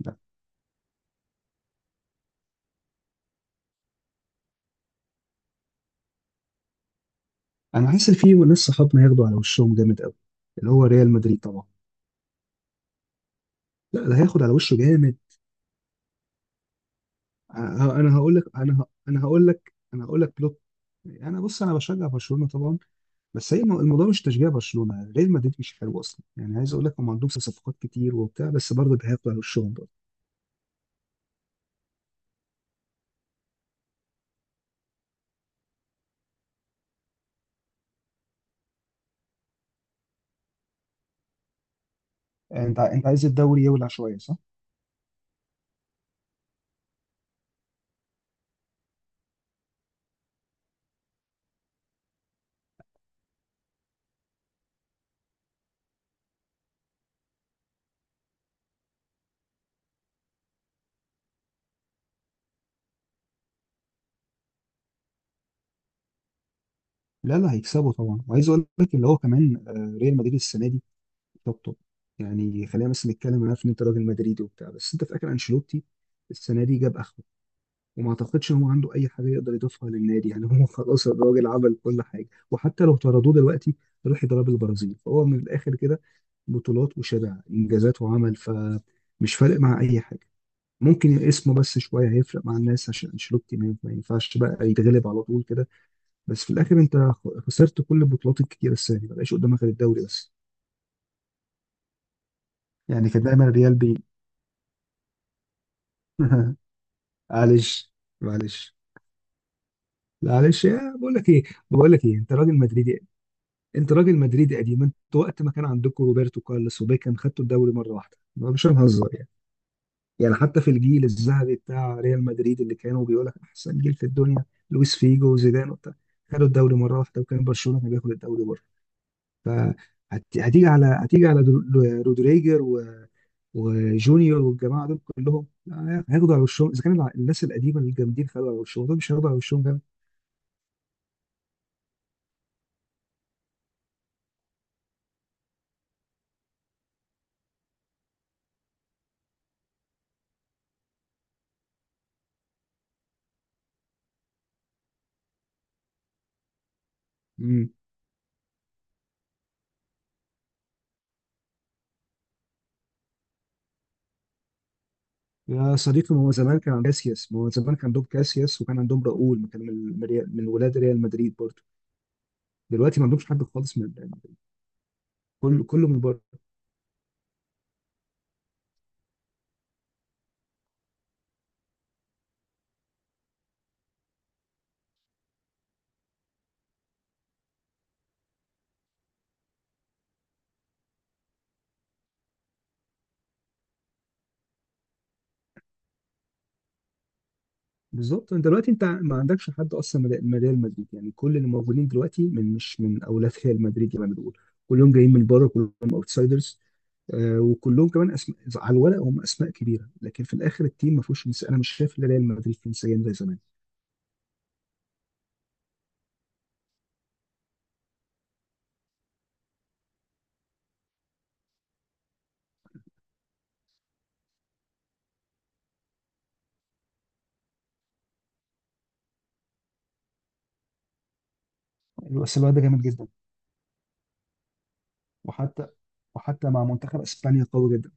لا. انا حاسس إن في ناس صحابنا هياخدوا على وشهم جامد قوي. اللي هو ريال مدريد طبعا. لا، ده هياخد على وشه جامد. انا هقول لك، انا ه- انا هقول لك انا هقول لك بلوك. انا بص، انا بشجع برشلونه طبعا. بس هي الموضوع مش تشجيع برشلونه، ريال مدريد مش حلو اصلا، يعني عايز اقول لك هم عندهم صفقات كتير وبتاع، بس برضه ده هياخدوا على وشهم برضه. انت عايز الدوري يولع شويه، صح؟ لا، لا، هيكسبوا طبعا، وعايز اقول لك اللي هو كمان، ريال مدريد السنه دي حطه. يعني خلينا بس نتكلم، انا عارف ان انت راجل مدريدي وبتاع، بس انت في الاخر انشيلوتي السنه دي جاب اخره. وما اعتقدش ان هو عنده اي حاجه يقدر يضيفها للنادي، يعني هو خلاص الراجل عمل كل حاجه، وحتى لو طردوه دلوقتي يروح يضرب البرازيل، فهو من الاخر كده بطولات وشبع انجازات وعمل، فمش فارق مع اي حاجه. ممكن اسمه بس شويه هيفرق مع الناس، عشان انشيلوتي ما ينفعش بقى يتغلب على طول كده. بس في الاخر انت خسرت كل البطولات الكتيره السنه دي، ما بقاش قدامك غير الدوري بس. يعني كان دايما الريال بي معلش، معلش، معلش يا بقول لك ايه. بقول لك ايه، انت راجل مدريدي، انت راجل مدريدي قديم، انت وقت ما كان عندكم روبرتو كارلوس وبيكهام خدتوا الدوري مره واحده، ما مش هنهزر يعني. يعني حتى في الجيل الذهبي بتاع ريال مدريد، اللي كانوا بيقول لك احسن جيل في الدنيا لويس فيجو وزيدان وبتاع، خدوا الدوري مره واحده وكان برشلونه كان بياخد الدوري بره. فهتيجي على هتيجي على رودريجر و... وجونيور والجماعه دول كلهم، لا، هياخدوا على وشهم، اذا كان الناس القديمه الجامدين خدوا على وشهم، دول مش هياخدوا على وشهم جامد. يا صديقي، ما هو زمان كان عند كاسياس ما هو زمان كان عندهم كاسياس وكان عندهم راؤول، ما كان من ولاد ريال مدريد برضه. دلوقتي ما عندهمش حد خالص من، كل كله من بره. بالظبط، انت دلوقتي انت ما عندكش حد اصلا من ريال مدريد، يعني كل اللي موجودين دلوقتي من، مش من اولاد ريال مدريد زي ما بنقول، كلهم جايين من بره، كلهم اوتسايدرز. آه، وكلهم كمان اسماء على الورق، هم اسماء كبيره لكن في الاخر التيم ما فيهوش انا مش شايف ان ريال مدريد فيه نسيان زي زمان. بس الواد ده جامد جدا. وحتى، مع منتخب اسبانيا قوي جدا.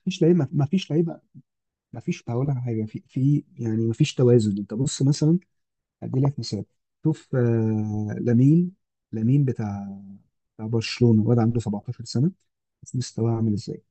مفيش لعيبه، مفيش لعيبه، مفيش، هقول لك على حاجه في، في، يعني مفيش توازن. انت بص مثلا، ادي لك مثال. شوف، لامين، لامين بتاع بتاع برشلونه، واد عنده 17 سنه، شوف مستواه عامل ازاي.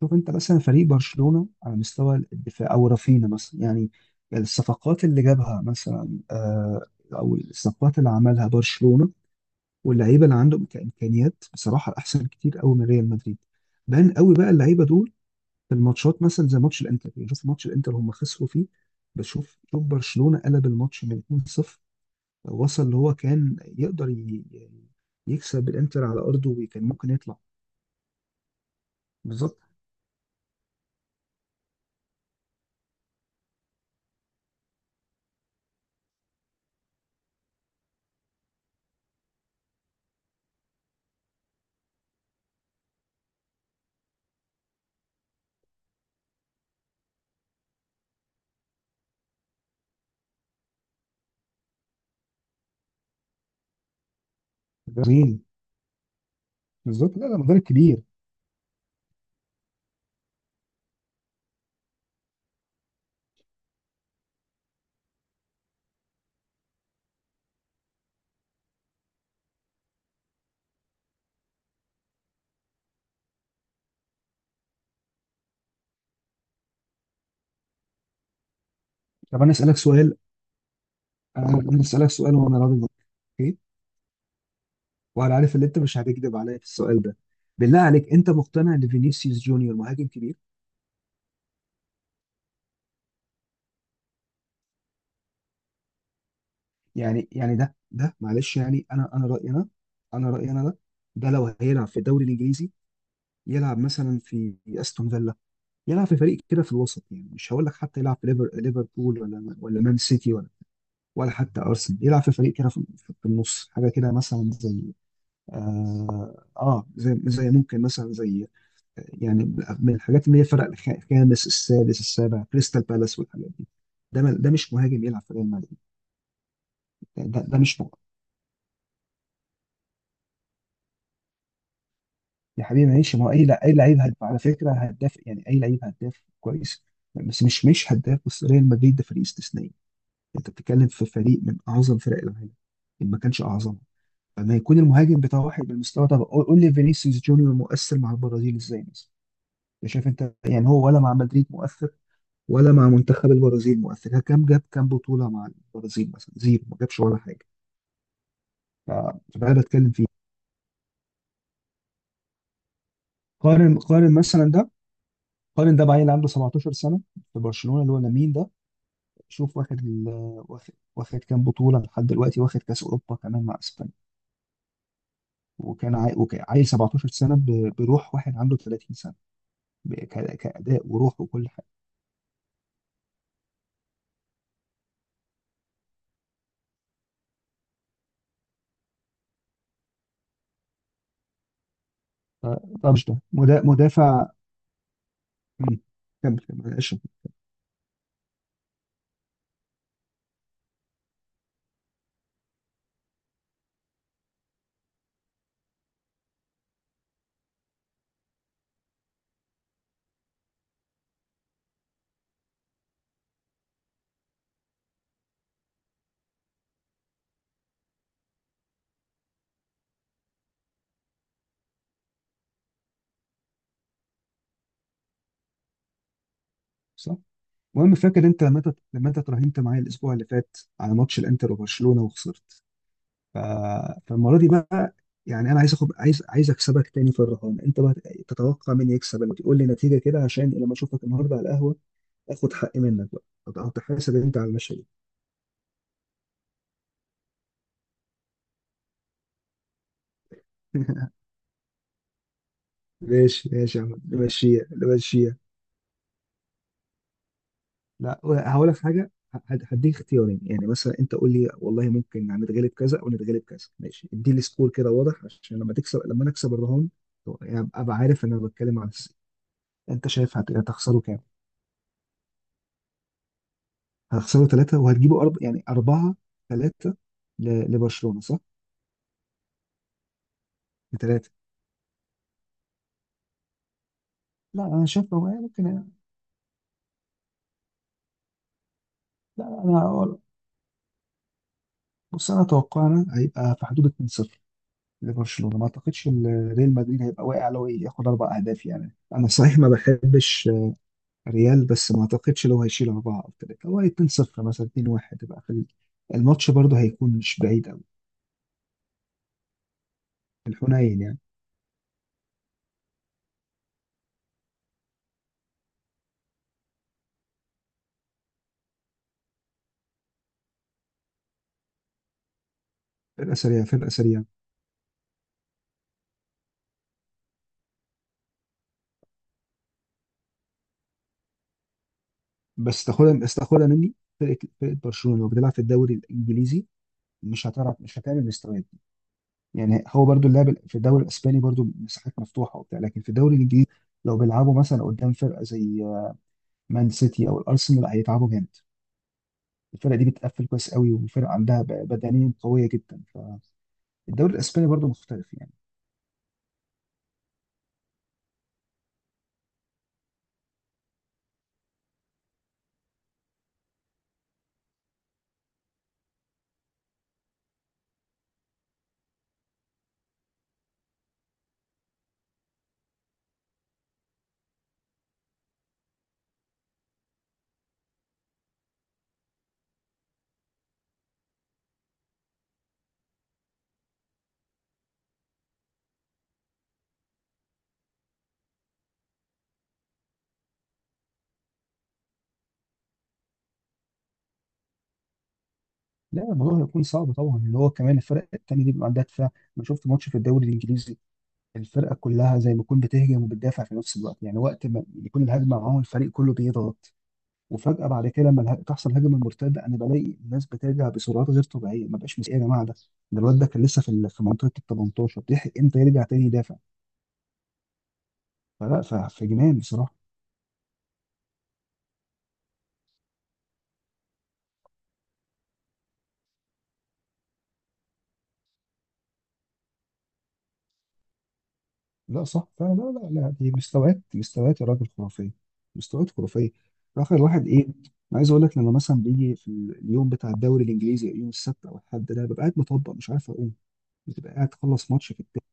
شوف انت مثلا فريق برشلونه على مستوى الدفاع، او رافينا مثلا، يعني الصفقات اللي جابها مثلا، او الصفقات اللي عملها برشلونه، واللعيبه اللي عندهم كامكانيات بصراحه احسن كتير قوي من ريال مدريد. بان قوي بقى اللعيبه دول في الماتشات، مثلا زي ماتش الانتر، يعني شوف ماتش الانتر هم خسروا فيه، بس شوف، شوف برشلونة قلب الماتش من 2-0، وصل اللي هو كان يقدر يعني يكسب الانتر على ارضه وكان ممكن يطلع. بالظبط. عظيم. بالظبط، لا ده مدرب كبير. طب انا اسالك سؤال، أنا اسالك سؤال وانا راضي عنك. اوكي. وانا عارف ان انت مش هتكذب عليا في السؤال ده. بالله عليك، انت مقتنع ان فينيسيوس جونيور مهاجم كبير؟ يعني ده معلش، يعني انا رايي انا، انا رايي انا ده، ده لو هيلعب في الدوري الانجليزي، يلعب مثلا في استون فيلا، يلعب في فريق كده في الوسط، يعني مش هقول لك حتى يلعب في ليفربول ولا مان سيتي ولا حتى ارسنال، يلعب في فريق كده في، في النص حاجه كده، مثلا زي، اه، زي، زي، ممكن مثلا زي، يعني من الحاجات اللي هي فرق الخامس السادس السابع، كريستال بالاس والحاجات دي. ده ده مش مهاجم يلعب في ريال مدريد. ده مش مهاجم. يا حبيبي ماشي، ما هو اي اي لعيب هداف على فكره، هداف يعني، اي لعيب هداف كويس، بس مش هداف بس، ريال مدريد ده فريق استثنائي، انت بتتكلم في فريق من اعظم فرق العالم، ان ما كانش اعظمها، فما يكون المهاجم بتاع واحد بالمستوى ده. قول، قول لي فينيسيوس جونيور مؤثر مع البرازيل ازاي مثلا، انت شايف انت، يعني هو، ولا مع مدريد مؤثر ولا مع منتخب البرازيل مؤثر، جاب كام بطولة مع البرازيل مثلا؟ زيرو، ما جابش ولا حاجة. ف- فده اللي بتكلم فيه. قارن مثلا ده، قارن ده بعيل عنده 17 سنة في برشلونة، اللي هو لامين ده، شوف واخد واخد كام بطولة لحد دلوقتي، واخد كأس أوروبا كمان مع اسبانيا. وكان عيل 17 سنة بروح واحد عنده 30 سنة، كأداء وروح وكل حاجة. ف... فمش ده مدافع. مم. كمل، كمل، معلش. صح. المهم، فاكر انت لما انت اترهنت معايا الاسبوع اللي فات على ماتش الانتر وبرشلونة وخسرت؟ ف... فالمرة دي بقى، يعني انا عايز اخد، عايز اكسبك تاني في الرهان، انت بقى تتوقع مين يكسب الماتش؟ قول لي نتيجة كده عشان لما اشوفك النهارده على القهوة اخد حقي منك، بقى هتحاسب انت على المشهد. ماشي، ماشي يا عم، نمشيها، نمشيها. لا هقول لك حاجه، هديك اختيارين، يعني مثلا انت قول لي والله ممكن يعني نتغلب كذا او نتغلب كذا، ماشي؟ ادي لي سكور كده واضح عشان لما تكسب، لما نكسب الرهان يعني ابقى عارف ان انا بتكلم عن انت شايف هتخسره كام؟ هتخسره ثلاثه وهتجيبه يعني اربعه، ثلاثه لبرشلونه، صح؟ بثلاثه. لا انا شايف لو هي ممكن، لا بص انا اتوقعنا هيبقى في حدود 2-0 لبرشلونه، ما اعتقدش ان ريال مدريد هيبقى واقع لو ياخد اربع اهداف، يعني انا صحيح ما بحبش ريال، بس ما اعتقدش لو هيشيل اربعه او ثلاثه، هو 2-0 مثلا، 2-1، يبقى خلي الماتش برضه هيكون مش بعيد قوي، الحنين يعني. فرقه سريعه، فرقه سريعه. بس تاخدها، بس تاخدها مني، فرقه برشلونه لو بتلعب في الدوري الانجليزي مش هتعمل مستويات دي، يعني هو برضه اللاعب في الدوري الاسباني برضه مساحات مفتوحه وبتاع، لكن في الدوري الانجليزي لو بيلعبوا مثلا قدام فرقه زي مان سيتي او الارسنال هيتعبوا جامد، الفرقه دي بتقفل كويس قوي، وفرقه عندها بدنيا قويه جدا، فالدوري الاسباني برضه مختلف يعني. لا الموضوع هيكون صعب طبعا، اللي هو كمان الفرق التانية دي بيبقى عندها دفاع. انا شفت ماتش في الدوري الانجليزي، الفرقه كلها زي ما تكون بتهجم وبتدافع في نفس الوقت، يعني وقت ما يكون الهجمه معاهم الفريق كله بيضغط، وفجاه بعد كده لما تحصل هجمه مرتده انا بلاقي الناس بترجع بسرعات غير طبيعيه، ما بقاش ايه يا جماعه ده، ده الواد ده كان لسه في منطقه ال 18 بيلحق امتى يرجع تاني يدافع. فلا، فجنان بصراحه. لا صح فعلا، لا، لا، لا، دي مستويات، مستويات يا راجل خرافيه، مستويات خرافيه. في اخر الواحد ايه، انا عايز اقول لك لما مثلا بيجي في اليوم بتاع الدوري الانجليزي، يوم السبت او الاحد ده، ببقى قاعد مطبق مش عارف اقوم، بتبقى قاعد تخلص ماتش في التاني،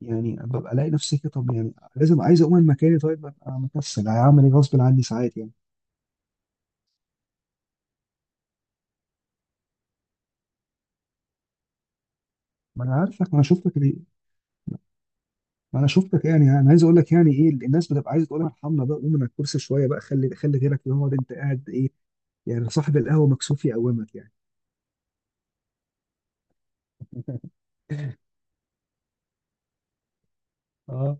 يعني ببقى الاقي نفسي كده، طب يعني لازم عايز اقوم من مكاني، طيب ببقى مكسل، هعمل ايه غصب عني ساعات يعني. ما انا عارفك، ما انا شفتك ليه، ما انا شفتك، يعني انا عايز اقول لك، يعني ايه الناس بتبقى عايزه تقول لك ارحمنا بقى، قوم من على الكرسي شويه بقى، خلي غيرك يقعد، انت قاعد ايه يعني، صاحب القهوه مكسوف يقومك يعني. اه،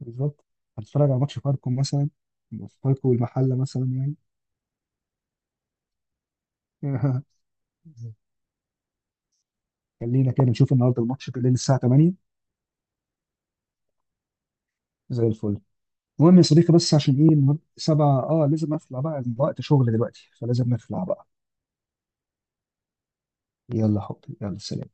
بالظبط. هتتفرج على ماتش فاركو مثلا، فاركو والمحله مثلا يعني. خلينا كده نشوف النهارده الماتش بالليل الساعه 8، زي الفل. المهم يا صديقي، بس عشان ايه النهارده 7، اه لازم اخلع بقى، الوقت شغل دلوقتي فلازم نخلع بقى. يلا حبيبي، يلا، سلام.